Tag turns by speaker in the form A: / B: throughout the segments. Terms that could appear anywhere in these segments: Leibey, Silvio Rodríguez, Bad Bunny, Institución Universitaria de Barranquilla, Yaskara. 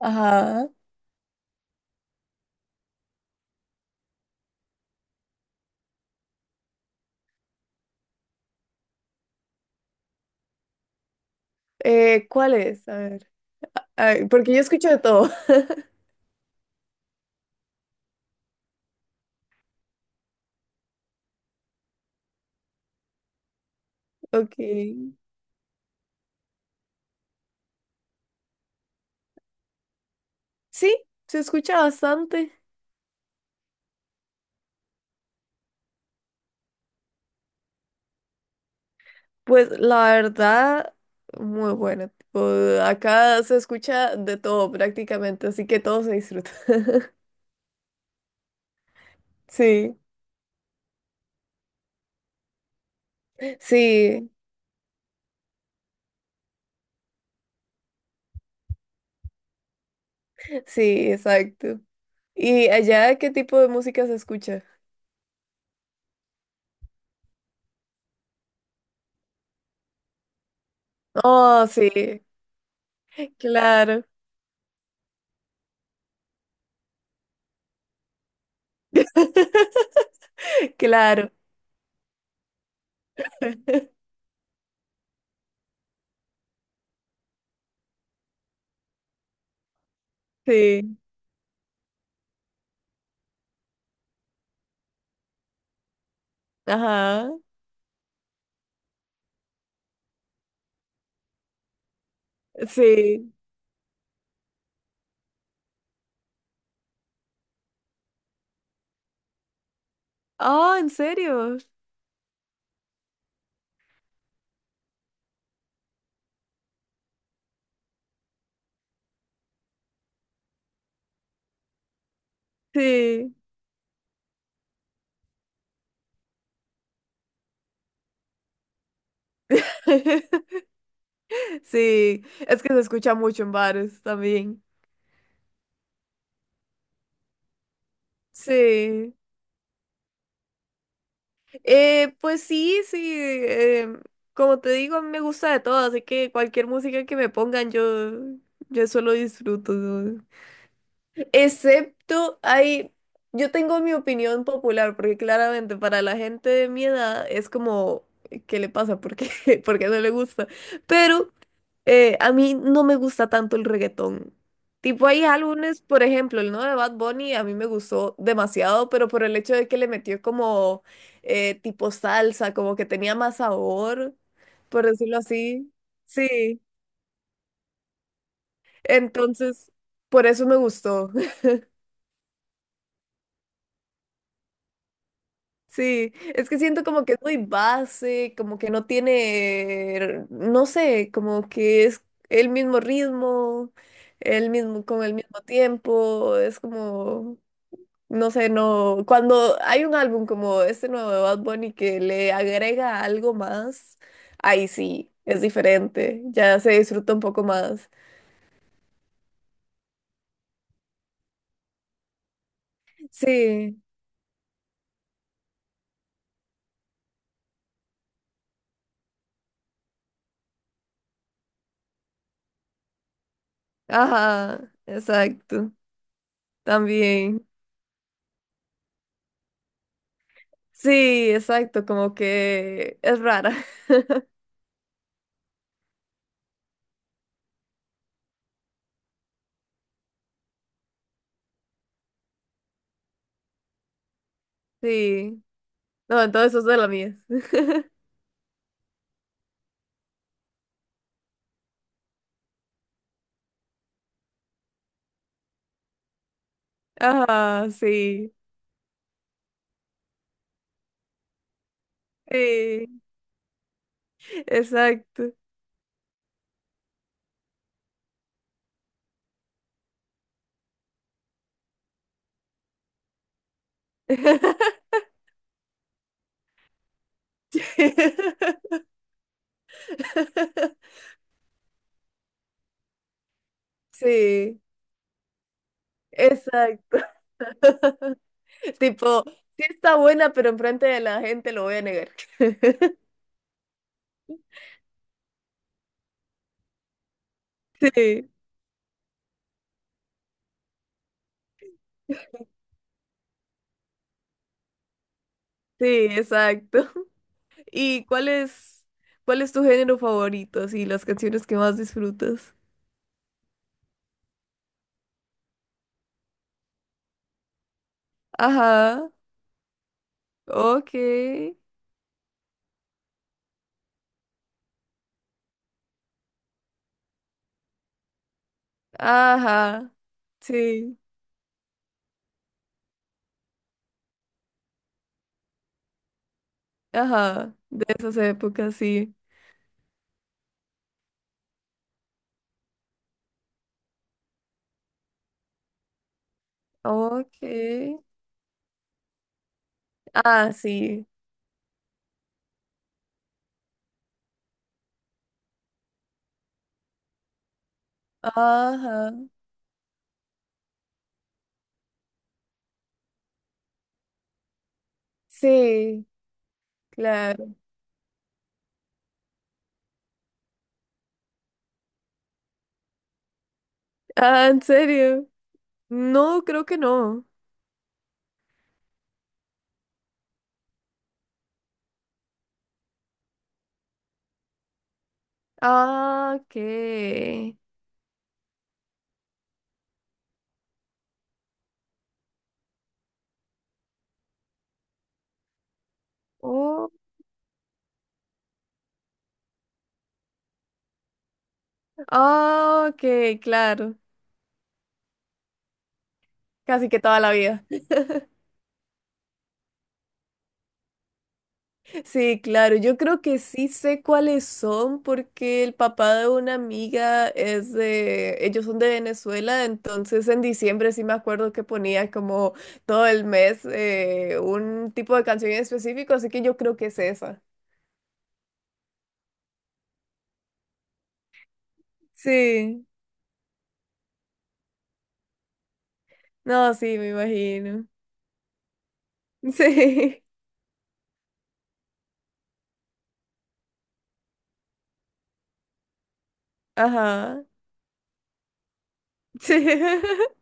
A: Ajá. ¿Cuál es? A ver. Ay, porque yo escucho de todo. Ok. Sí, se escucha bastante. Pues la verdad, muy buena. Tipo, acá se escucha de todo prácticamente, así que todo se disfruta. Sí, sí, sí, exacto. ¿Y allá qué tipo de música se escucha? Oh, sí, claro, claro. Sí, ajá, sí. Oh, ¿en serio? Sí, sí, es que se escucha mucho en bares también. Sí, pues sí, sí, em, como te digo, a mí me gusta de todo, así que cualquier música que me pongan, yo solo disfruto, ¿no? Excepto, hay, yo tengo mi opinión popular, porque claramente para la gente de mi edad es como, ¿qué le pasa? ¿Por qué? ¿Por qué no le gusta? Pero... A mí no me gusta tanto el reggaetón. Tipo, hay álbumes, por ejemplo, el nuevo de Bad Bunny a mí me gustó demasiado, pero por el hecho de que le metió como tipo salsa, como que tenía más sabor, por decirlo así. Sí, entonces, por eso me gustó. Sí, es que siento como que es muy base, como que no tiene, no sé, como que es el mismo ritmo, el mismo, con el mismo tiempo, es como... No sé, no. Cuando hay un álbum como este nuevo de Bad Bunny que le agrega algo más, ahí sí, es diferente. Ya se disfruta un poco más. Sí, ajá, exacto. También. Sí, exacto, como que es rara. Sí. No, entonces es de la mía. Ajá, sí. Sí, exacto. Sí, exacto. Tipo, sí está buena, pero enfrente de la gente lo voy a negar. Sí, sí, exacto. ¿Y cuál es tu género favorito? Así, las canciones que más disfrutas. Ajá, ok, ajá, sí, ajá, de esas épocas, sí. Ok, ah, sí, ajá, sí, claro. Ah, ¿en serio? No, creo que no. Ah, ok. Ah, ok, claro. Casi que toda la vida. Sí, claro. Yo creo que sí sé cuáles son porque el papá de una amiga es de... Ellos son de Venezuela, entonces en diciembre sí me acuerdo que ponía como todo el mes un tipo de canción en específico, así que yo creo que es esa. Sí. No, sí, me imagino. Sí. Ajá. Sí.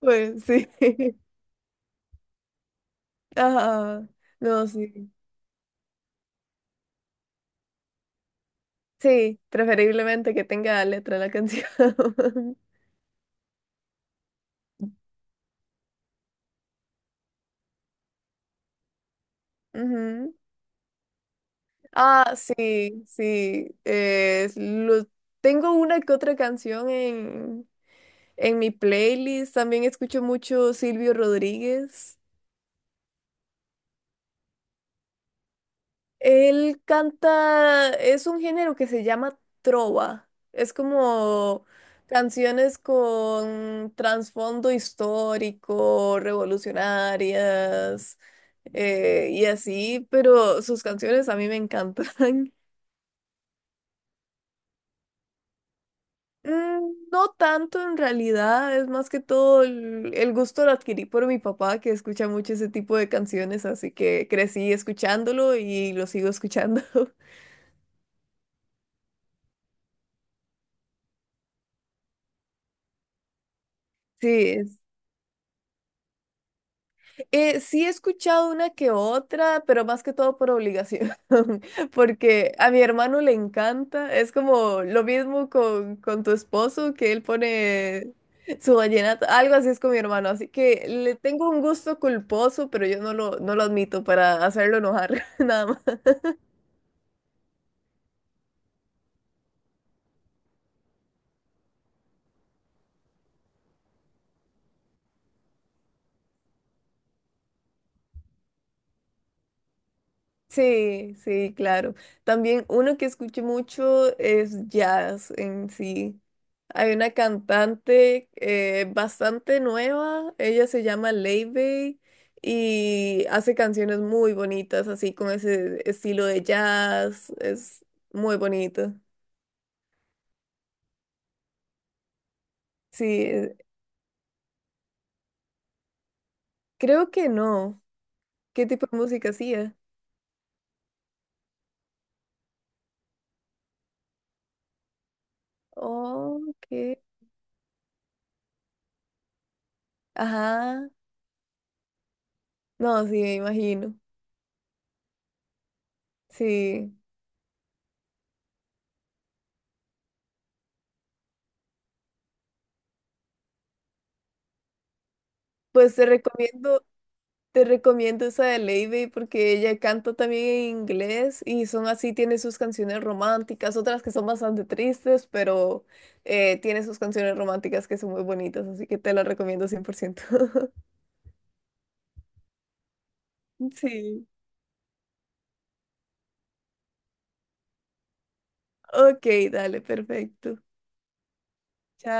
A: Pues sí. Ajá. No, sí. Sí, preferiblemente que tenga letra la canción. Ujú. Ah, sí, sí. Es lo- tengo una que otra canción en mi playlist. También escucho mucho Silvio Rodríguez. Él canta, es un género que se llama trova. Es como canciones con trasfondo histórico, revolucionarias y así, pero sus canciones a mí me encantan. Mm, no tanto en realidad, es más que todo el gusto lo adquirí por mi papá que escucha mucho ese tipo de canciones, así que crecí escuchándolo y lo sigo escuchando. Sí, sí he escuchado una que otra, pero más que todo por obligación, porque a mi hermano le encanta, es como lo mismo con tu esposo, que él pone su vallenato, algo así es con mi hermano, así que le tengo un gusto culposo, pero yo no lo, no lo admito para hacerlo enojar, nada. Sí, sí, claro. También uno que escuché mucho es jazz en sí. Hay una cantante bastante nueva, ella se llama Leibey y hace canciones muy bonitas, así con ese estilo de jazz, es muy bonito. Sí, creo que no. ¿Qué tipo de música hacía? Oh, ok, ajá. No, sí, me imagino. Sí, pues te recomiendo. Te recomiendo esa de Lady porque ella canta también en inglés y son así, tiene sus canciones románticas, otras que son bastante tristes, pero tiene sus canciones románticas que son muy bonitas, así que te la recomiendo 100%. Sí. Ok, dale, perfecto. Chao.